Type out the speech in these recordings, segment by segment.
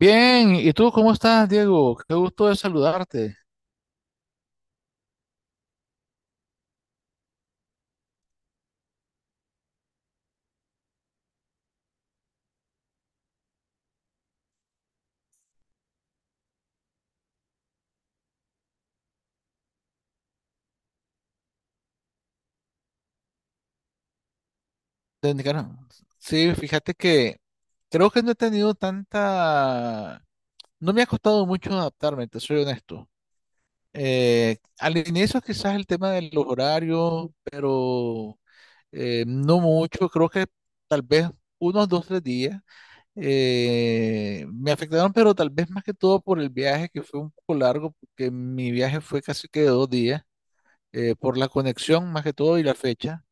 Bien, ¿y tú cómo estás, Diego? Qué gusto de saludarte. De Nicaragua. Sí, fíjate que creo que no he tenido tanta. No me ha costado mucho adaptarme, te soy honesto. Al inicio quizás el tema de los horarios, pero no mucho. Creo que tal vez unos 2, 3 días me afectaron, pero tal vez más que todo por el viaje, que fue un poco largo, porque mi viaje fue casi que de 2 días. Por la conexión más que todo y la fecha.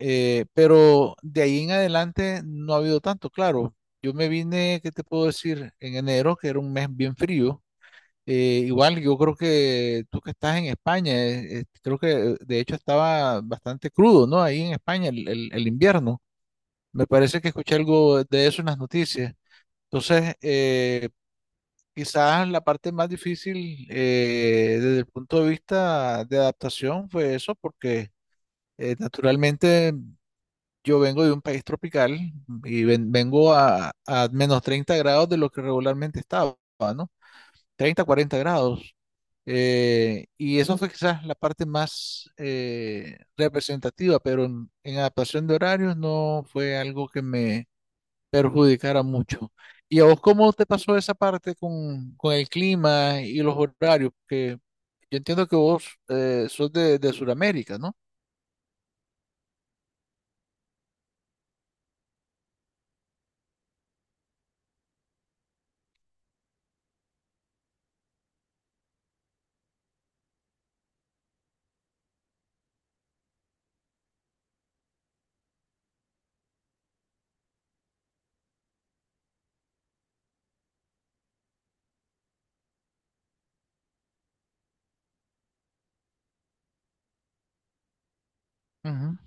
Pero de ahí en adelante no ha habido tanto, claro. Yo me vine, ¿qué te puedo decir? En enero, que era un mes bien frío. Igual yo creo que tú que estás en España, creo que de hecho estaba bastante crudo, ¿no? Ahí en España el invierno. Me parece que escuché algo de eso en las noticias. Entonces, quizás la parte más difícil desde el punto de vista de adaptación fue eso, porque naturalmente, yo vengo de un país tropical y vengo a menos 30 grados de lo que regularmente estaba, ¿no? 30, 40 grados. Y eso fue quizás la parte más representativa, pero en adaptación de horarios no fue algo que me perjudicara mucho. ¿Y a vos cómo te pasó esa parte con el clima y los horarios? Porque yo entiendo que vos sos de Sudamérica, ¿no?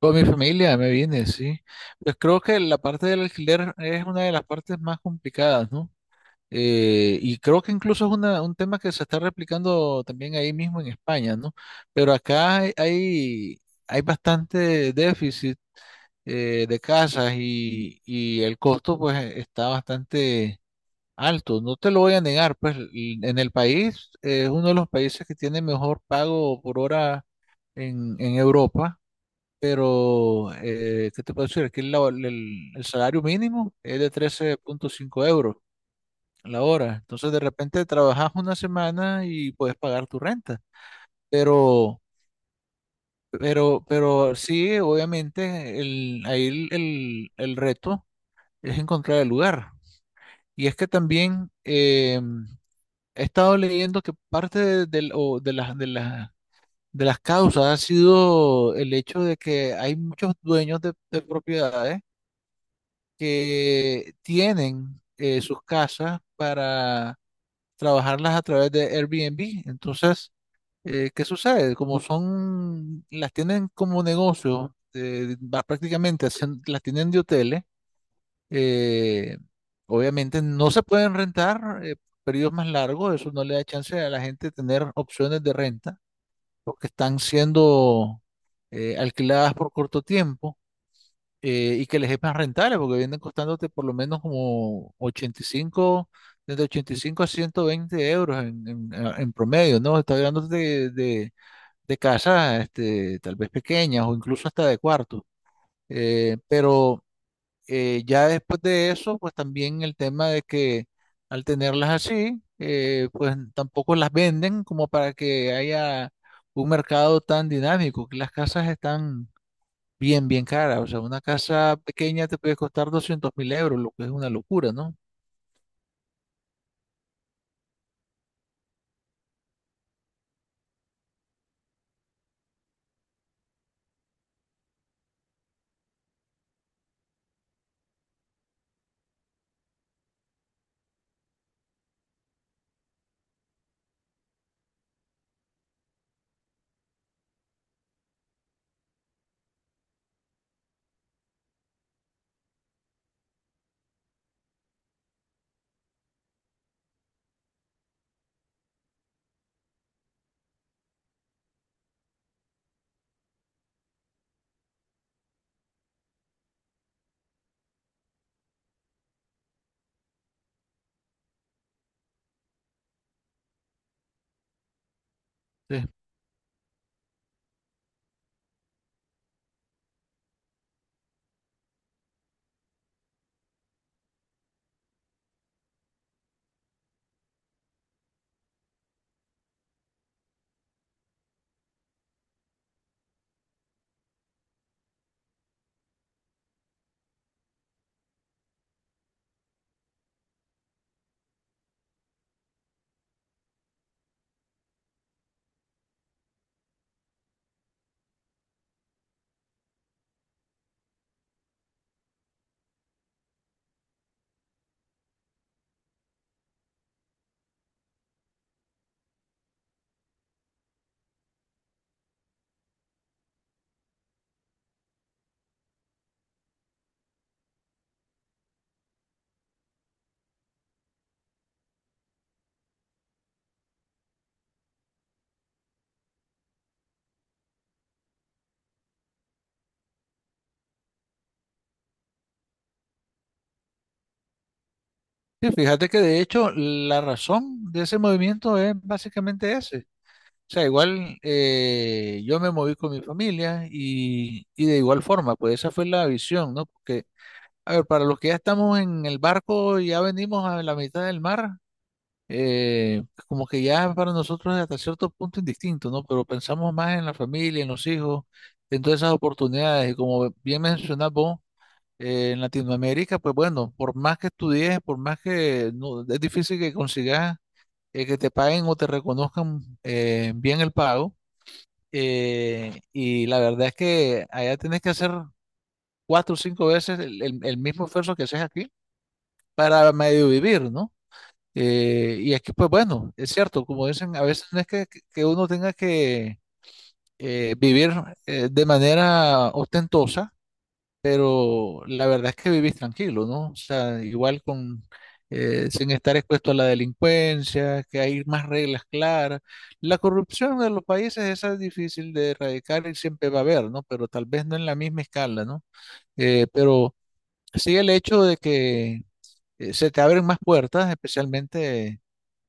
Con mi familia me vine, sí. Pues creo que la parte del alquiler es una de las partes más complicadas, ¿no? Y creo que incluso es un tema que se está replicando también ahí mismo en España, ¿no? Pero acá hay bastante déficit de casas y el costo pues está bastante alto. No te lo voy a negar, pues en el país es uno de los países que tiene mejor pago por hora en Europa. Pero, ¿qué te puedo decir? Aquí el salario mínimo es de 13.5 euros la hora. Entonces, de repente trabajas una semana y puedes pagar tu renta. Pero, pero sí, obviamente, ahí el reto es encontrar el lugar. Y es que también he estado leyendo que parte de, del- o de las, de las, de las causas ha sido el hecho de que hay muchos dueños de propiedades que tienen sus casas para trabajarlas a través de Airbnb. Entonces, ¿qué sucede? Como son, las tienen como negocio, va prácticamente, las tienen de hoteles. eh, Obviamente no se pueden rentar periodos más largos, eso no le da chance a la gente tener opciones de renta, porque están siendo alquiladas por corto tiempo. Y que les es más rentable porque vienen costándote por lo menos como 85, desde 85 a 120 euros en promedio, ¿no? Está hablando de casas este, tal vez pequeñas o incluso hasta de cuartos. Pero ya después de eso, pues también el tema de que al tenerlas así, pues tampoco las venden como para que haya un mercado tan dinámico, que las casas están bien, bien cara. O sea, una casa pequeña te puede costar 200,000 euros, lo que es una locura, ¿no? Sí. Sí, fíjate que de hecho la razón de ese movimiento es básicamente ese. O sea, igual yo me moví con mi familia y de igual forma, pues esa fue la visión, ¿no? Porque, a ver, para los que ya estamos en el barco, ya venimos a la mitad del mar, como que ya para nosotros es hasta cierto punto indistinto, ¿no? Pero pensamos más en la familia, en los hijos, en todas esas oportunidades. Y como bien mencionas vos, en Latinoamérica, pues bueno, por más que estudies, por más que no, es difícil que consigas que te paguen o te reconozcan bien el pago. Y la verdad es que allá tienes que hacer cuatro o cinco veces el mismo esfuerzo que haces aquí para medio vivir, ¿no? Y aquí, pues bueno, es cierto, como dicen, a veces no es que uno tenga que vivir de manera ostentosa, pero la verdad es que vivís tranquilo, ¿no? O sea, igual sin estar expuesto a la delincuencia, que hay más reglas claras. La corrupción de los países esa es difícil de erradicar y siempre va a haber, ¿no? Pero tal vez no en la misma escala, ¿no? Pero sí el hecho de que se te abren más puertas, especialmente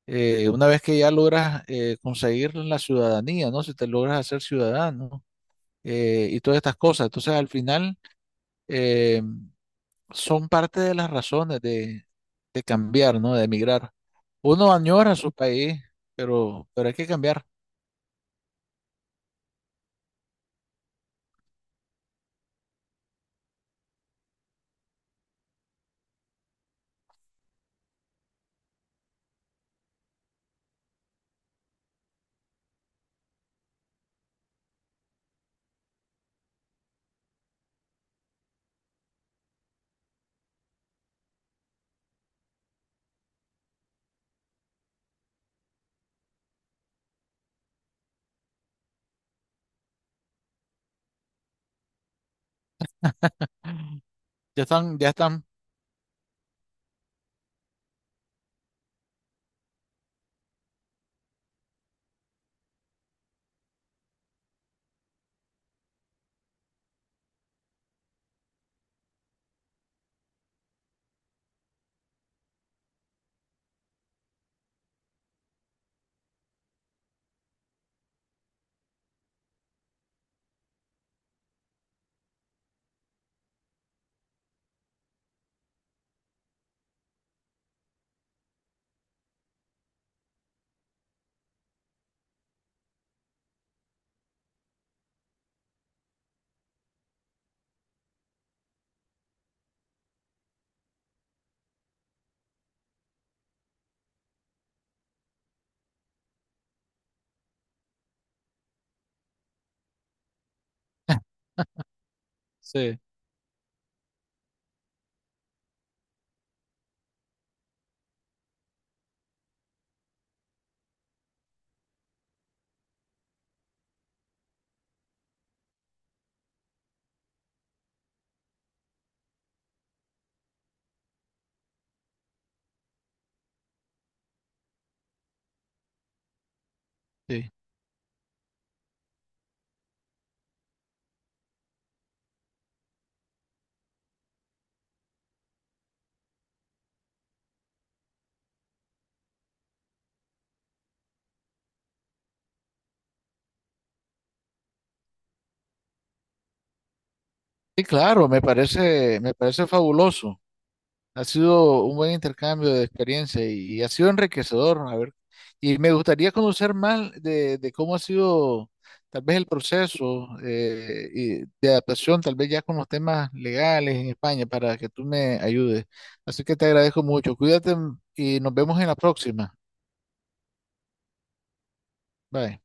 una vez que ya logras conseguir la ciudadanía, ¿no? Si te logras hacer ciudadano y todas estas cosas. Entonces, al final, eh, son parte de las razones de cambiar, ¿no? De emigrar. Uno añora su país, pero hay que cambiar. Ya están, ya están. Sí, sí. Sí, claro, me parece fabuloso. Ha sido un buen intercambio de experiencia y ha sido enriquecedor, ¿no? A ver, y me gustaría conocer más de cómo ha sido tal vez el proceso y de adaptación, tal vez ya con los temas legales en España, para que tú me ayudes. Así que te agradezco mucho. Cuídate, y nos vemos en la próxima. Bye.